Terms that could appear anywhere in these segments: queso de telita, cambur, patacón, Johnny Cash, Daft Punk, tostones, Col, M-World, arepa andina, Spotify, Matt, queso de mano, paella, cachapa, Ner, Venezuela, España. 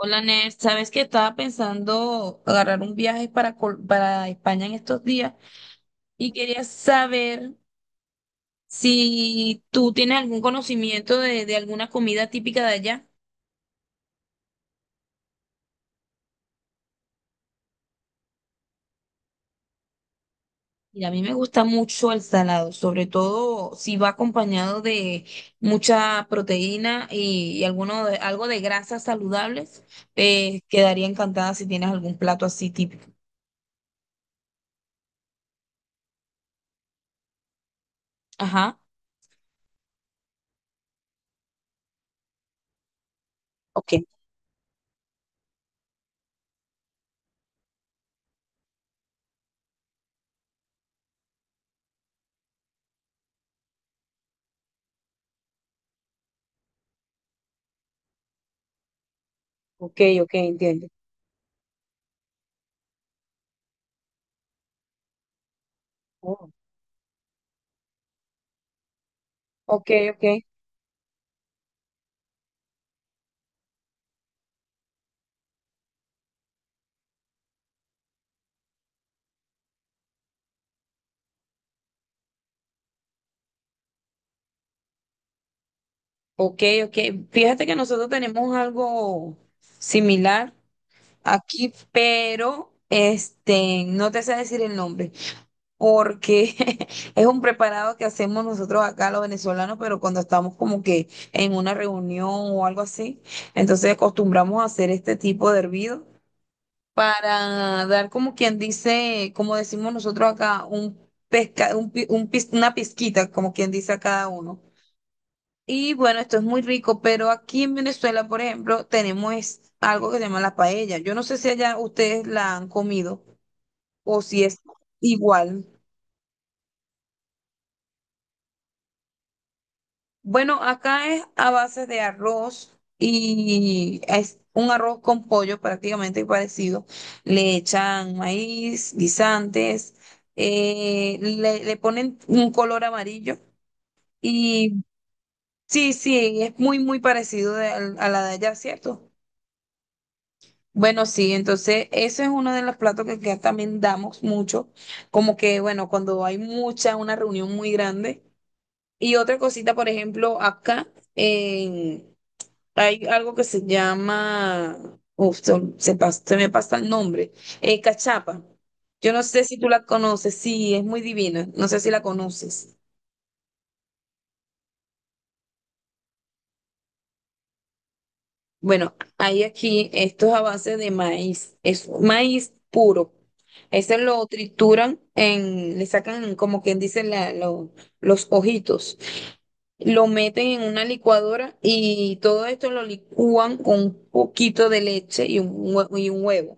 Hola, Ner, sabes que estaba pensando agarrar un viaje para, para España en estos días y quería saber si tú tienes algún conocimiento de alguna comida típica de allá. Y a mí me gusta mucho el salado, sobre todo si va acompañado de mucha proteína y algo de grasas saludables. Quedaría encantada si tienes algún plato así típico. Ajá. Ok, ok, ok, entiendo. Oh, ok, ok. Ok, ok. Fíjate que nosotros tenemos algo similar aquí, pero este, no te sé decir el nombre, porque es un preparado que hacemos nosotros acá los venezolanos, pero cuando estamos como que en una reunión o algo así, entonces acostumbramos a hacer este tipo de hervido para dar como quien dice, como decimos nosotros acá, un pesca, un pi- un pis- una pizquita, como quien dice a cada uno. Y bueno, esto es muy rico, pero aquí en Venezuela, por ejemplo, tenemos algo que se llama la paella. Yo no sé si allá ustedes la han comido o si es igual. Bueno, acá es a base de arroz y es un arroz con pollo prácticamente parecido. Le echan maíz, guisantes, le ponen un color amarillo y sí, sí, es muy parecido a la de allá, ¿cierto? Bueno, sí, entonces ese es uno de los platos que acá también damos mucho, como que, bueno, cuando hay mucha, una reunión muy grande. Y otra cosita, por ejemplo, acá eh, hay algo que se llama, uf, se me pasa el nombre, cachapa. Yo no sé si tú la conoces, sí, es muy divina, no sé si la conoces. Bueno, hay aquí estos avances de maíz, es maíz puro. Ese lo trituran en, le sacan como quien dice los ojitos, lo meten en una licuadora y todo esto lo licúan con un poquito de leche y un, y un huevo.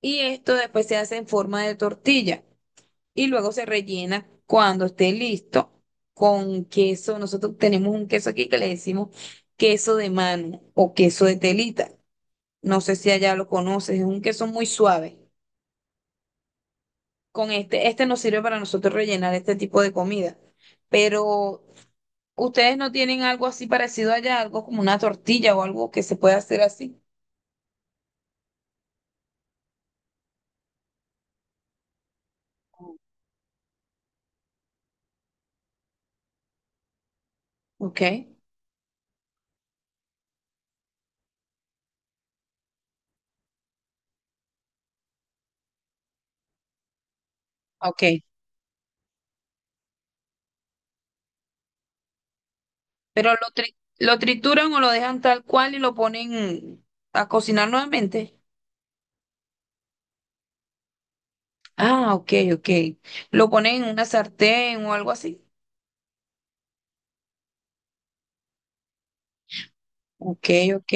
Y esto después se hace en forma de tortilla y luego se rellena cuando esté listo con queso. Nosotros tenemos un queso aquí que le decimos queso de mano o queso de telita. No sé si allá lo conoces, es un queso muy suave. Con este nos sirve para nosotros rellenar este tipo de comida. Pero ustedes no tienen algo así parecido allá, algo como una tortilla o algo que se pueda hacer así. Ok, ok. Pero lo, lo trituran o lo dejan tal cual y lo ponen a cocinar nuevamente. Ah, ok, ok. Lo ponen en una sartén o algo así. Ok, ok.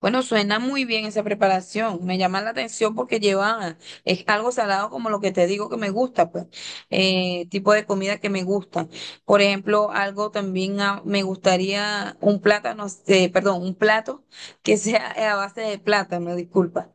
Bueno, suena muy bien esa preparación. Me llama la atención porque lleva, es algo salado como lo que te digo que me gusta, pues, tipo de comida que me gusta. Por ejemplo, algo también ah, me gustaría un plátano, perdón, un plato que sea a base de plátano, disculpa.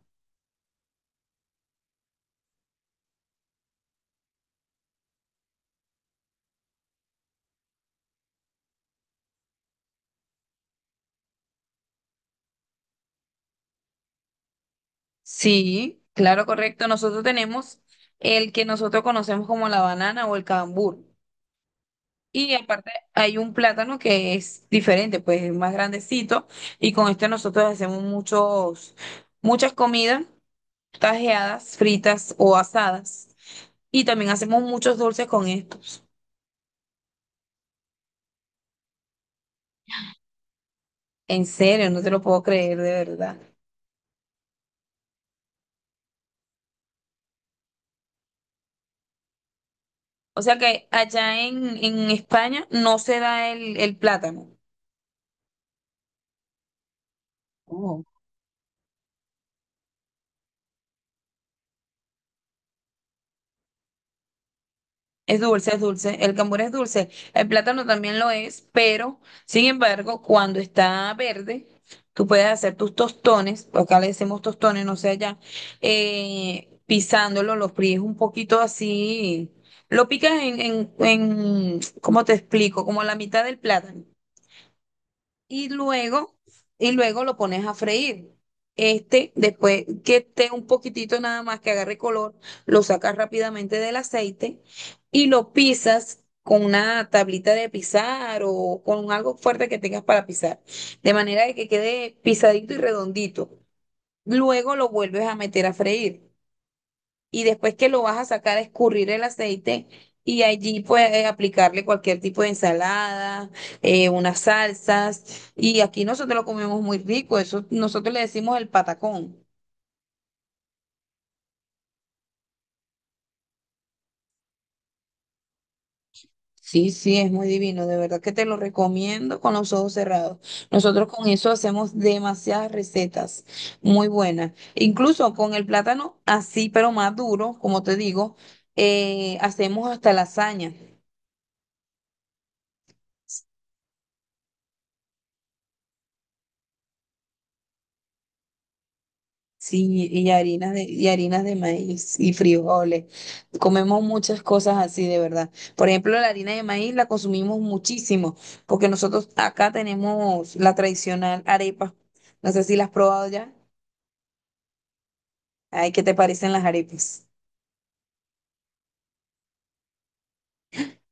Sí, claro, correcto. Nosotros tenemos el que nosotros conocemos como la banana o el cambur. Y aparte hay un plátano que es diferente, pues es más grandecito. Y con este nosotros hacemos muchos, muchas comidas tajeadas, fritas o asadas. Y también hacemos muchos dulces con estos. En serio, no te lo puedo creer de verdad. O sea que allá en España no se da el plátano. Oh. Es dulce, es dulce. El cambur es dulce. El plátano también lo es, pero sin embargo, cuando está verde, tú puedes hacer tus tostones, acá le decimos tostones, no sé allá, pisándolo, lo fríes un poquito así, lo picas ¿cómo te explico? Como la mitad del plátano y luego, y luego lo pones a freír. Este, después que esté un poquitito nada más que agarre color, lo sacas rápidamente del aceite y lo pisas con una tablita de pisar o con algo fuerte que tengas para pisar, de manera de que quede pisadito y redondito. Luego lo vuelves a meter a freír y después que lo vas a sacar, escurrir el aceite y allí puedes aplicarle cualquier tipo de ensalada, unas salsas. Y aquí nosotros lo comemos muy rico, eso nosotros le decimos el patacón. Sí, sí, es muy divino, de verdad que te lo recomiendo con los ojos cerrados. Nosotros con eso hacemos demasiadas recetas muy buenas. Incluso con el plátano así, pero más duro, como te digo, hacemos hasta lasaña. Sí, y harinas de maíz y frijoles. Comemos muchas cosas así, de verdad. Por ejemplo, la harina de maíz la consumimos muchísimo, porque nosotros acá tenemos la tradicional arepa. No sé si la has probado ya. Ay, ¿qué te parecen las arepas?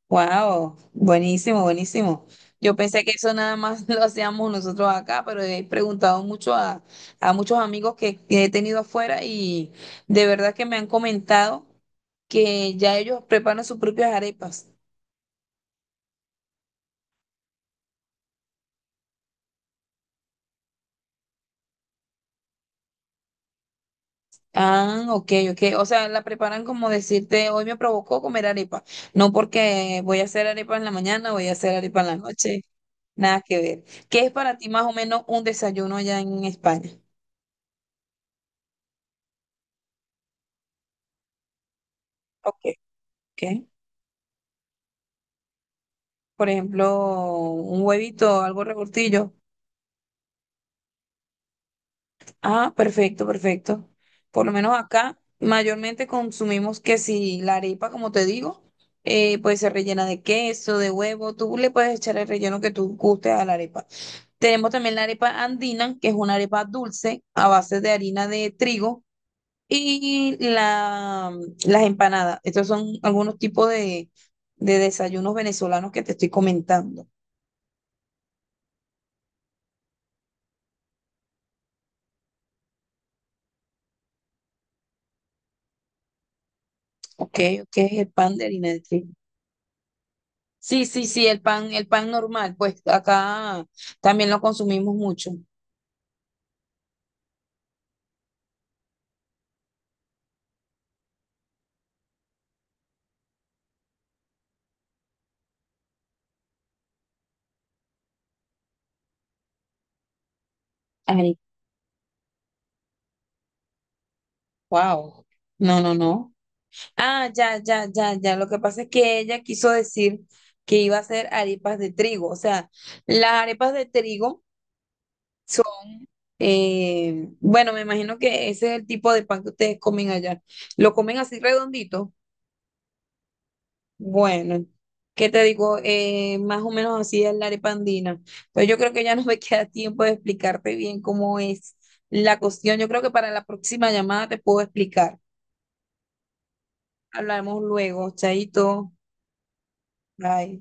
Wow, buenísimo, buenísimo. Yo pensé que eso nada más lo hacíamos nosotros acá, pero he preguntado mucho a muchos amigos que he tenido afuera y de verdad que me han comentado que ya ellos preparan sus propias arepas. Ah, ok, ok. O sea, la preparan como decirte, hoy me provocó comer arepa. No porque voy a hacer arepa en la mañana, voy a hacer arepa en la noche. Nada que ver. ¿Qué es para ti más o menos un desayuno allá en España? Ok, ok. Por ejemplo, un huevito, algo revoltillo. Ah, perfecto, perfecto. Por lo menos acá mayormente consumimos que si la arepa, como te digo, pues se rellena de queso, de huevo, tú le puedes echar el relleno que tú gustes a la arepa. Tenemos también la arepa andina, que es una arepa dulce a base de harina de trigo y las empanadas. Estos son algunos tipos de desayunos venezolanos que te estoy comentando. Ok, ok, el pan de harina de trigo. Sí, sí, sí, el pan normal, pues acá también lo consumimos mucho. Ay, wow. No, no, no. Ah, ya, ya, ya, ya. Lo que pasa es que ella quiso decir que iba a hacer arepas de trigo. O sea, las arepas de trigo son, bueno, me imagino que ese es el tipo de pan que ustedes comen allá. ¿Lo comen así redondito? Bueno, ¿qué te digo? Más o menos así es la arepa andina. Pues yo creo que ya no me queda tiempo de explicarte bien cómo es la cuestión. Yo creo que para la próxima llamada te puedo explicar. Hablamos luego, chaito. Bye.